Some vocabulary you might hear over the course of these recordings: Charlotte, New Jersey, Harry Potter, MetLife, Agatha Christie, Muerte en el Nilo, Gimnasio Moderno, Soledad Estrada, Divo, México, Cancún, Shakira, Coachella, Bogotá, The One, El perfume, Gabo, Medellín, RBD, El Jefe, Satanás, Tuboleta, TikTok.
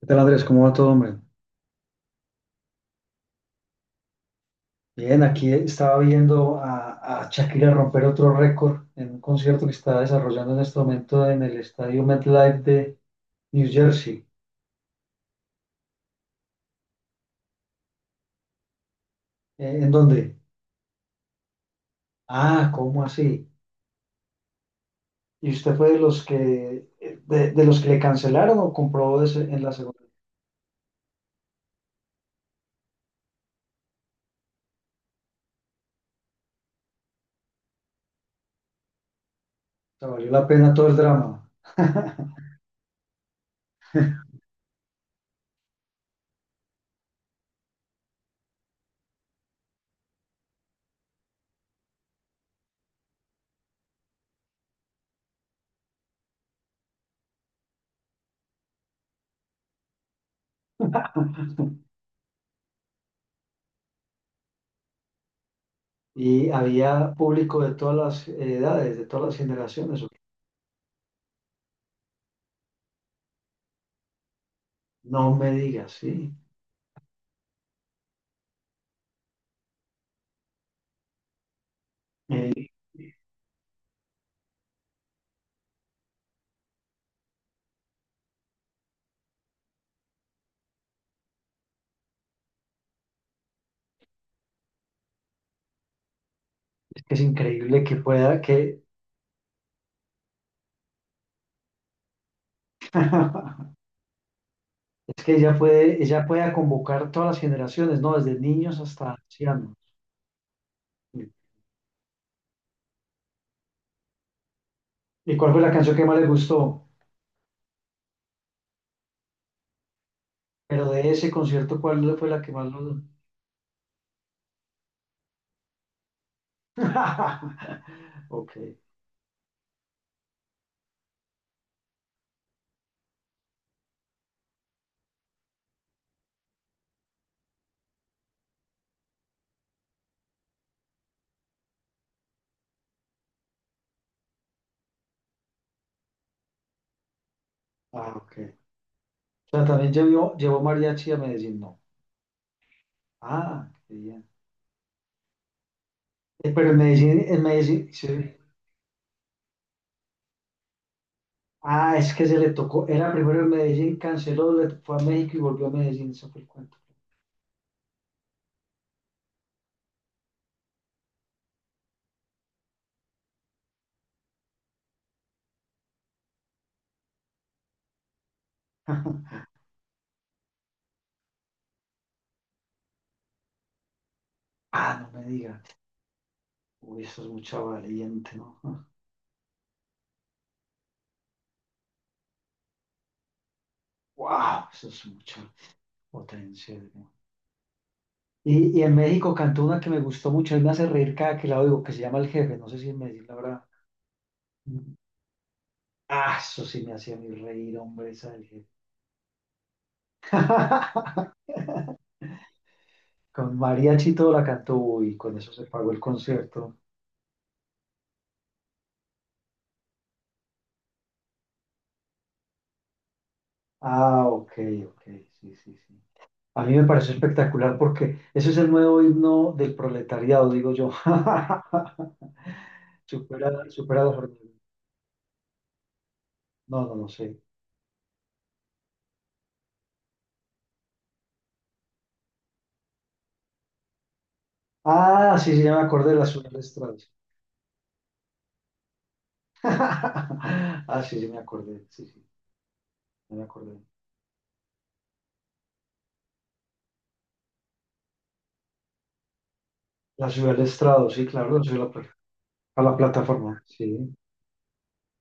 ¿Qué tal, Andrés? ¿Cómo va todo, hombre? Bien, aquí estaba viendo a Shakira romper otro récord en un concierto que está desarrollando en este momento en el estadio MetLife de New Jersey. ¿En dónde? Ah, ¿cómo así? ¿Y usted fue de los que de los que le cancelaron o compró en la segunda? O sea, valió la pena todo el drama. Y había público de todas las edades, de todas las generaciones. ¿O qué? No me digas, sí. Eh, es que es increíble que pueda que Es que ella puede convocar todas las generaciones, ¿no? Desde niños hasta ancianos. ¿Y cuál fue la canción que más le gustó? Pero de ese concierto, ¿cuál fue la que más lo... Ok, ah, ok. O sea, también llevó, llevó mariachi a Medellín, no. Ah, qué bien. Pero en Medellín, sí. Ah, es que se le tocó, era primero en Medellín, canceló, le fue a México y volvió a Medellín, eso fue el cuento. Ah, no me diga. Uy, eso es mucha valiente, ¿no? Wow, eso es mucho. Potencia. ¿No? Y en México cantó una que me gustó mucho y me hace reír cada que la oigo, que se llama El Jefe. No sé si en Medellín la habrá. Ah, eso sí me hacía a mí reír, hombre, esa del jefe. Con mariachi y todo la cantó, uy, con eso se pagó el concierto. Ah, ok, ok, sí, sí, sí. A mí me pareció espectacular porque ese es el nuevo himno del proletariado, digo yo. Supera, supera la forma. No, no, no sé. Ah, sí, sí, ya me acordé de la Soledad Estrada. Ah, sí, sí, me acordé, sí, sí, ya me acordé. La ciudad del estrado, sí, claro, la ciudad de a la plataforma, sí,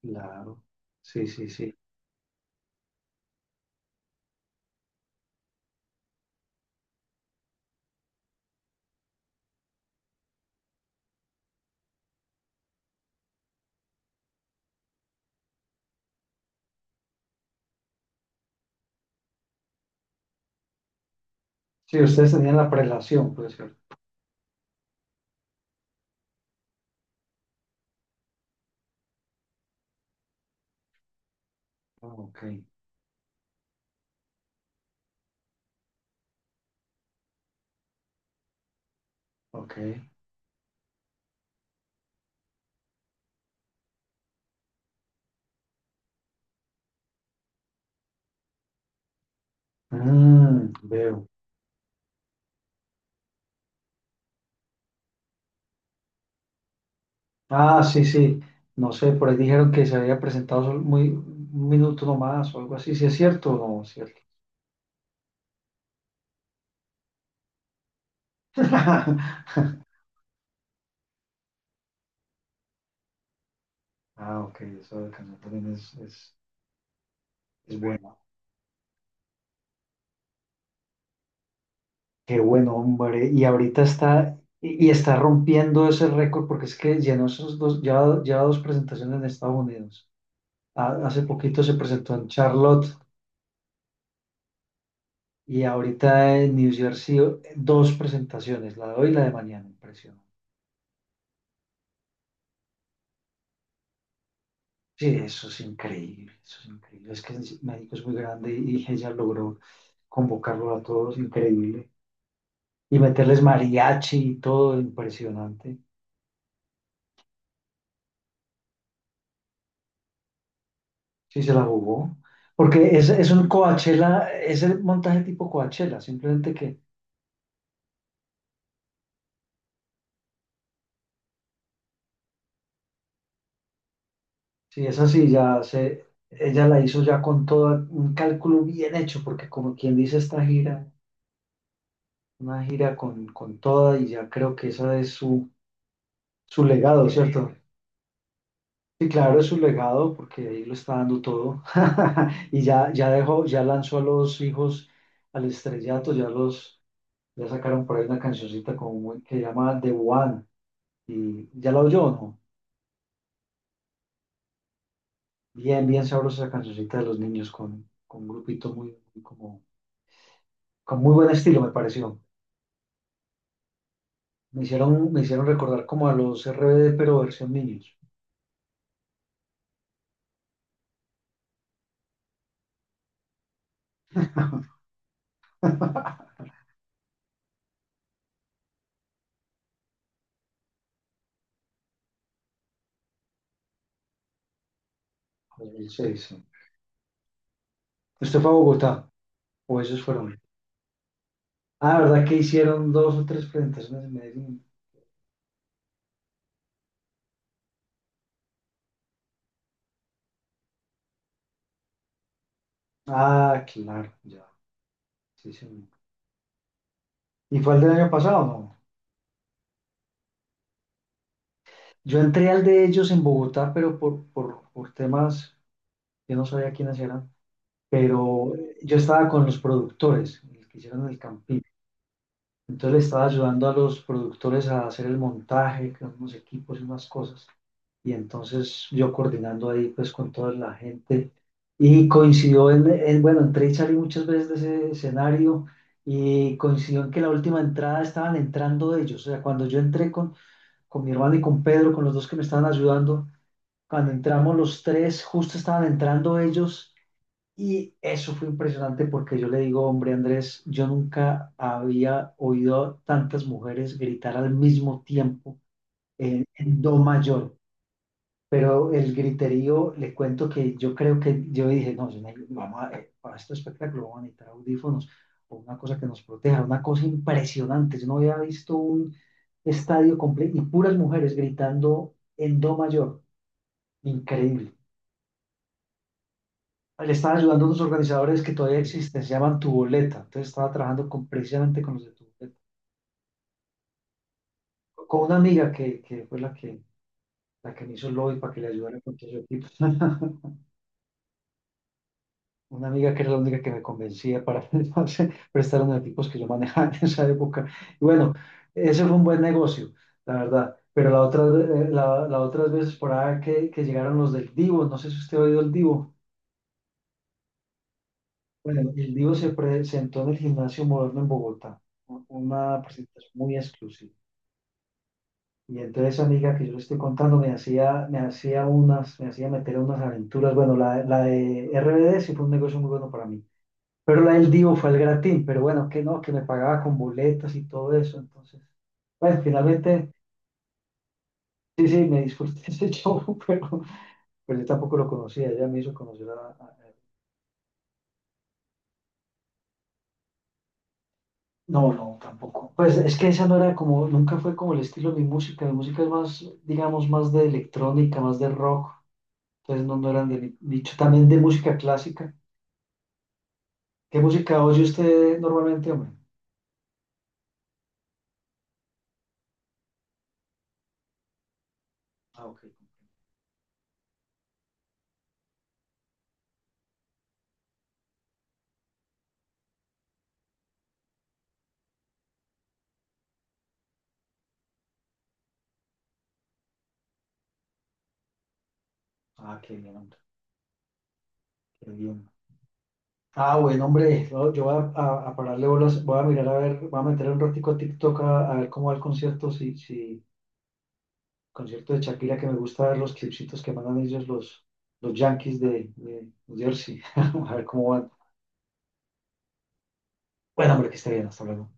claro, sí, sí, sí. Sí, ustedes tenían la prelación, puede ser. Ah, ok, ok. Mm, veo. Ah, sí, sí, no sé, por ahí dijeron que se había presentado solo muy, un minuto nomás o algo así, si es cierto o no. Sí, es cierto. Ah, ok, eso de Cancún también es, es bueno. Qué buen hombre. Y ahorita está, y está rompiendo ese récord porque es que llenó esos dos, ya dos presentaciones en Estados Unidos. Hace poquito se presentó en Charlotte y ahorita en New Jersey dos presentaciones, la de hoy y la de mañana. Impresionante. Sí, eso es increíble, eso es increíble. Es que México es muy grande y ella logró convocarlo a todos, increíble. Y meterles mariachi y todo, impresionante. Sí, se la jugó. Porque es un Coachella, es el montaje tipo Coachella, simplemente que si es así, ya se, ella la hizo ya con todo un cálculo bien hecho, porque como quien dice esta gira, una gira con toda y ya creo que esa es su legado, ¿cierto? Sí, claro, es su legado, porque ahí lo está dando todo. Y ya dejó, ya lanzó a los hijos al estrellato, ya sacaron por ahí una cancioncita como que llama The One. Y ya la oyó, ¿no? Bien, bien sabrosa esa cancioncita de los niños con un grupito muy, muy como, con muy buen estilo, me pareció. Me hicieron recordar como a los RBD, pero versión niños. 2006, sí. ¿Usted fue a Bogotá? ¿O esos fueron? Ah, ¿verdad que hicieron dos o tres presentaciones en Medellín? Ah, claro, ya. Sí, sí. ¿Y fue el del año pasado? No. Yo entré al de ellos en Bogotá, pero por temas, yo no sabía quiénes eran, pero yo estaba con los productores, los que hicieron el camping. Entonces le estaba ayudando a los productores a hacer el montaje, con unos equipos y unas cosas. Y entonces yo coordinando ahí pues con toda la gente. Y coincidió bueno, entré y salí muchas veces de ese escenario y coincidió en que la última entrada estaban entrando ellos. O sea, cuando yo entré con mi hermano y con Pedro, con los dos que me estaban ayudando, cuando entramos los tres, justo estaban entrando ellos y eso fue impresionante porque yo le digo, hombre, Andrés, yo nunca había oído a tantas mujeres gritar al mismo tiempo en do mayor. Pero el griterío, le cuento que yo creo que yo dije, no, yo ne- vamos a- para este espectáculo vamos a necesitar audífonos o una cosa que nos proteja, una cosa impresionante. Yo no había visto un estadio completo y puras mujeres gritando en do mayor. Increíble. Le están ayudando unos organizadores que todavía existen, se llaman Tuboleta. Entonces estaba trabajando con, precisamente con los de Tuboleta. Con una amiga que fue la que me hizo el lobby para que le ayudara con todo su equipo. Una amiga que era la única que me convencía para prestar los equipos que yo manejaba en esa época. Y bueno, ese fue un buen negocio, la verdad. Pero la otra, la otras veces por ahí que llegaron los del Divo, no sé si usted ha oído el Divo. Bueno, el Divo se presentó en el Gimnasio Moderno en Bogotá, una presentación muy exclusiva. Y entonces esa amiga que yo le estoy contando me hacía meter unas aventuras. Bueno, la de RBD sí fue un negocio muy bueno para mí. Pero la del Divo fue el gratín, pero bueno, que no, que me pagaba con boletas y todo eso. Entonces, bueno, finalmente, sí, sí, me disfruté ese show, pero, yo tampoco lo conocía. Ella me hizo conocer. No, no, tampoco. Pues es que esa no era como, nunca fue como el estilo de mi música. Mi música es más, digamos, más de electrónica, más de rock. Entonces no, no eran de mi nicho. También de música clásica. ¿Qué música oye usted normalmente, hombre? Ah, ok. Ah, qué bien, hombre. Qué bien. Ah, bueno, hombre. No, yo voy a pararle bolas. Voy a mirar a ver, voy a meter un ratico a TikTok a ver cómo va el concierto. Si, si, concierto de Shakira, que me gusta ver los clipsitos que mandan ellos los Yankees de New Jersey. A ver cómo van. Bueno, hombre, que esté bien, hasta luego.